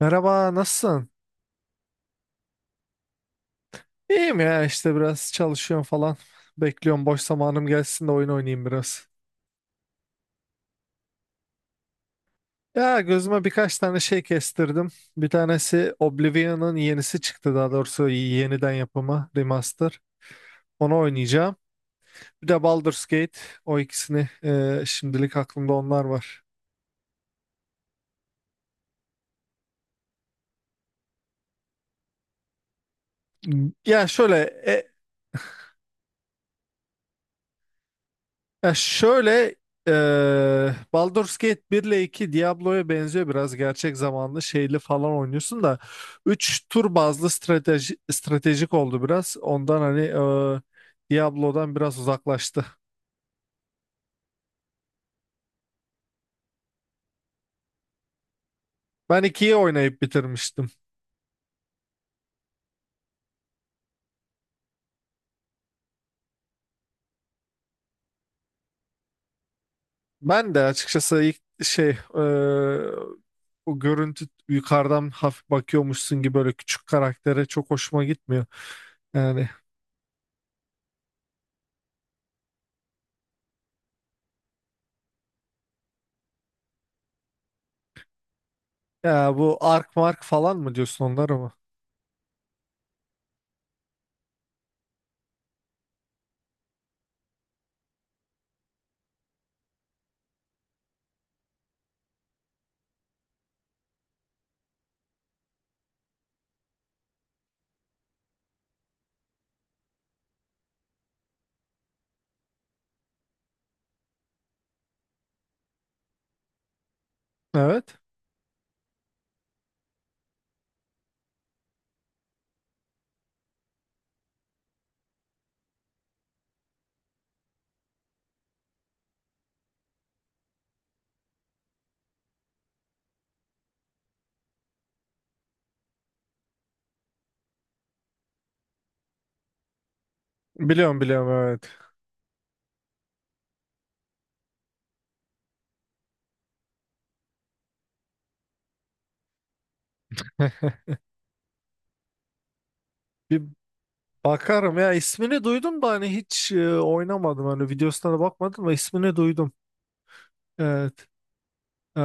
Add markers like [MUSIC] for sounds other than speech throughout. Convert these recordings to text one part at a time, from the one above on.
Merhaba, nasılsın? İyiyim ya işte biraz çalışıyorum falan. Bekliyorum boş zamanım gelsin de oyun oynayayım biraz. Ya gözüme birkaç tane şey kestirdim. Bir tanesi Oblivion'ın yenisi çıktı, daha doğrusu yeniden yapımı, remaster. Onu oynayacağım. Bir de Baldur's Gate. O ikisini şimdilik aklımda onlar var. Ya şöyle e, Ya şöyle, Baldur's Gate 1 ile 2 Diablo'ya benziyor, biraz gerçek zamanlı şeyli falan oynuyorsun da 3 tur bazlı strateji, stratejik oldu biraz ondan, hani Diablo'dan biraz uzaklaştı. Ben 2'yi oynayıp bitirmiştim. Ben de açıkçası ilk şey o görüntü yukarıdan hafif bakıyormuşsun gibi, böyle küçük karaktere çok hoşuma gitmiyor. Yani, ya bu Ark Mark falan mı diyorsun onlara mı? Evet. Biliyorum, biliyorum, evet. Bir bakarım, ya ismini duydum da hani hiç oynamadım, hani videosuna da bakmadım ama ismini duydum. Evet. Ee,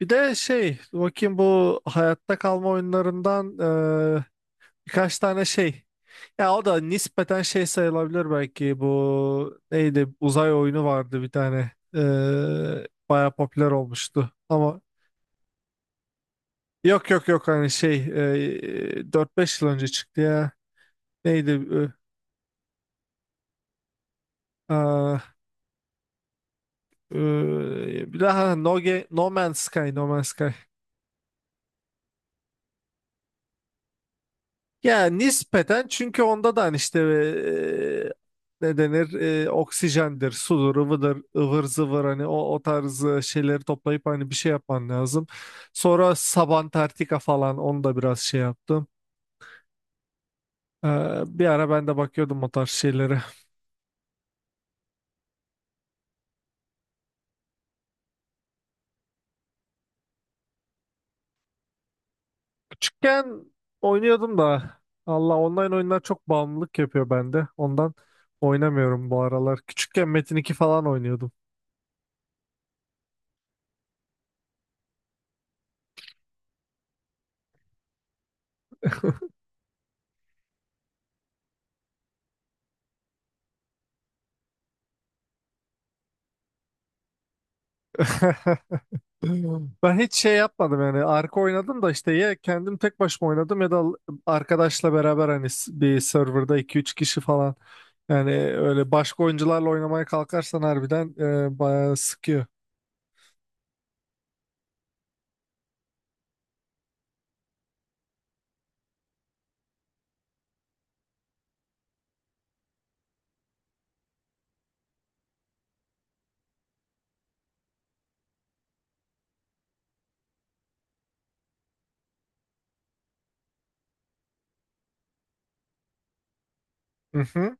Bir de şey bakayım bu hayatta kalma oyunlarından, e, birkaç tane şey. Ya, o da nispeten şey sayılabilir belki, bu neydi, uzay oyunu vardı bir tane. Bayağı popüler olmuştu ama yok, yok, yok, hani şey, 4-5 yıl önce çıktı ya. Neydi? Ee, Ee, Daha No Man's Sky. Ya, nispeten çünkü onda da hani işte, ne denir, oksijendir, sudur, ıvıdır, ıvır zıvır, hani o tarz şeyleri toplayıp hani bir şey yapman lazım. Sonra Sabantarctica falan, onu da biraz şey yaptım. Ee, Bir ara ben de bakıyordum o tarz şeylere. Küçükken oynuyordum da Allah, online oyunlar çok bağımlılık yapıyor bende. Ondan oynamıyorum bu aralar. Küçükken Metin 2 falan oynuyordum. [LAUGHS] Ben hiç şey yapmadım, yani arka oynadım da işte, ya kendim tek başıma oynadım ya da arkadaşla beraber, hani bir serverda iki üç kişi falan, yani öyle başka oyuncularla oynamaya kalkarsan harbiden bayağı sıkıyor. Hı hı.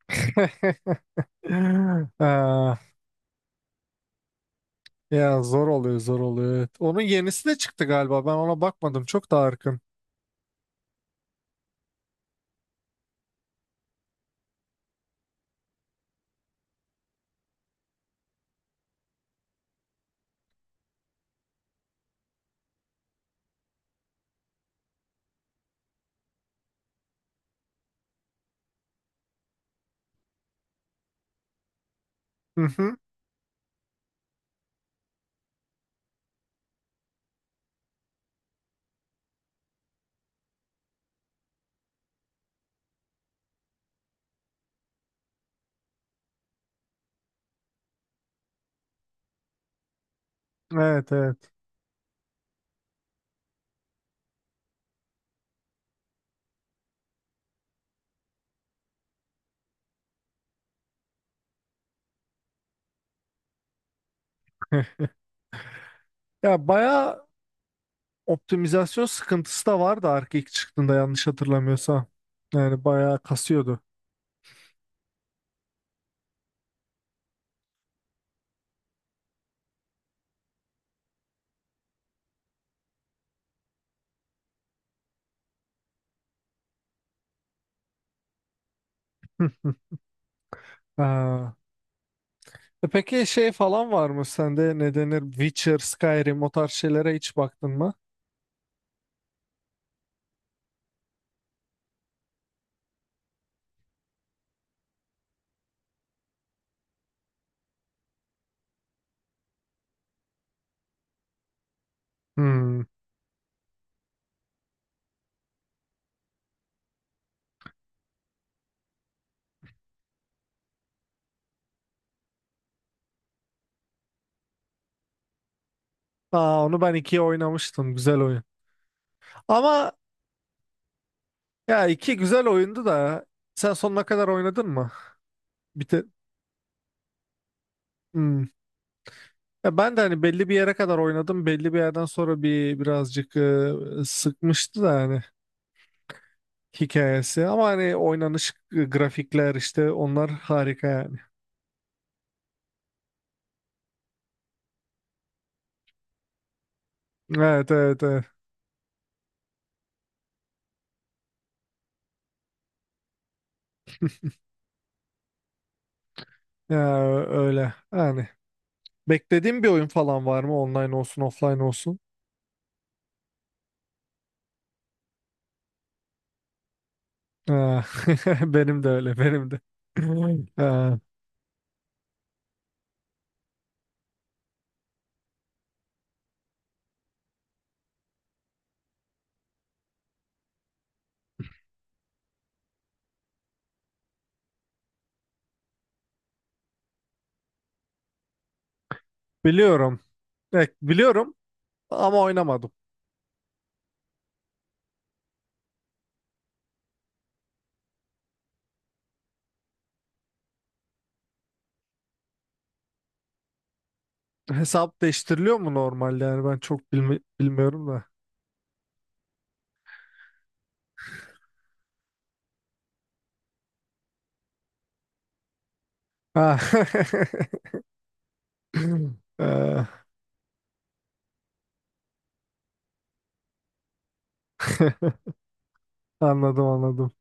[LAUGHS] Ah, ya zor oluyor, zor oluyor, evet. Onun yenisi de çıktı galiba, ben ona bakmadım çok da arkın. Hı hı. Evet, evet. [LAUGHS] Ya bayağı optimizasyon sıkıntısı da vardı Ark ilk çıktığında, yanlış hatırlamıyorsam. Yani bayağı kasıyordu. [LAUGHS] Hı hı. Ha. Peki şey falan var mı sende, ne denir, Witcher, Skyrim, o tarz şeylere hiç baktın mı? Hmm. Aa, onu ben ikiye oynamıştım. Güzel oyun. Ama, ya iki güzel oyundu da sen sonuna kadar oynadın mı? Bitir. Ya ben de hani belli bir yere kadar oynadım. Belli bir yerden sonra bir birazcık sıkmıştı da hani hikayesi. Ama hani oynanış, grafikler, işte onlar harika yani. Evet, evet, evet. Ya öyle. Yani beklediğim bir oyun falan var mı? Online olsun, offline olsun. Ha. [LAUGHS] Benim de öyle, benim de. [LAUGHS] Ha. Biliyorum. Evet, biliyorum ama oynamadım. Hesap değiştiriliyor mu normalde? Yani ben çok bilmiyorum da. Ha. [LAUGHS] Ee, [LAUGHS] Anladım, anladım.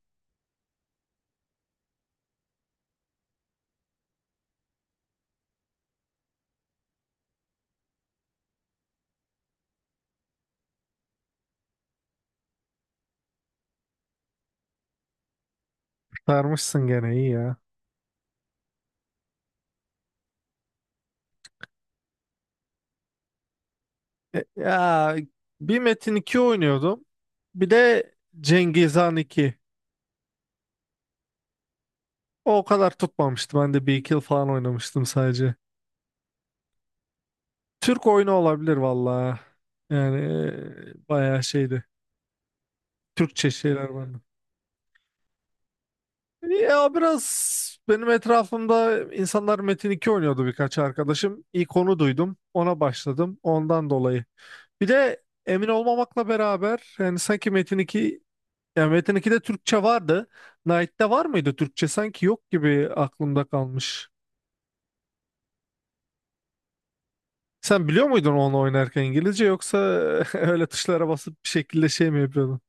Sarmışsın gene, iyi ya. Ya bir Metin 2 oynuyordum. Bir de Cengiz Han 2. O kadar tutmamıştı, ben de bir iki yıl falan oynamıştım sadece. Türk oyunu olabilir valla. Yani bayağı şeydi. Türkçe şeyler vardı. Ya biraz benim etrafımda insanlar Metin 2 oynuyordu, birkaç arkadaşım. İlk onu duydum. Ona başladım. Ondan dolayı. Bir de emin olmamakla beraber, yani sanki Metin 2. Yani Metin 2'de Türkçe vardı. Knight'te var mıydı Türkçe? Sanki yok gibi aklımda kalmış. Sen biliyor muydun onu oynarken İngilizce, yoksa [LAUGHS] öyle tuşlara basıp bir şekilde şey mi yapıyordun?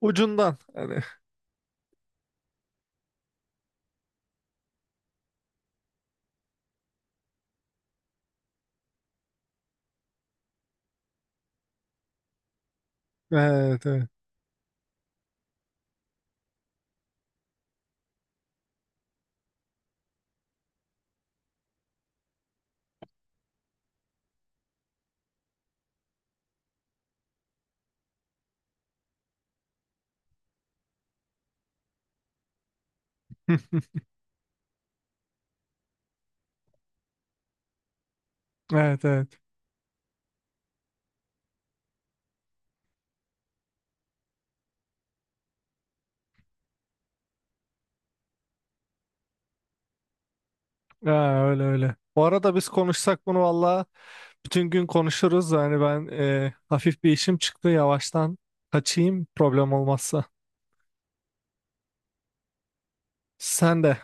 Ucundan hani. Evet, evet. [LAUGHS] Evet, evet. Ha, öyle öyle. Bu arada biz konuşsak bunu valla bütün gün konuşuruz. Yani ben hafif bir işim çıktı, yavaştan kaçayım problem olmazsa. Sen de.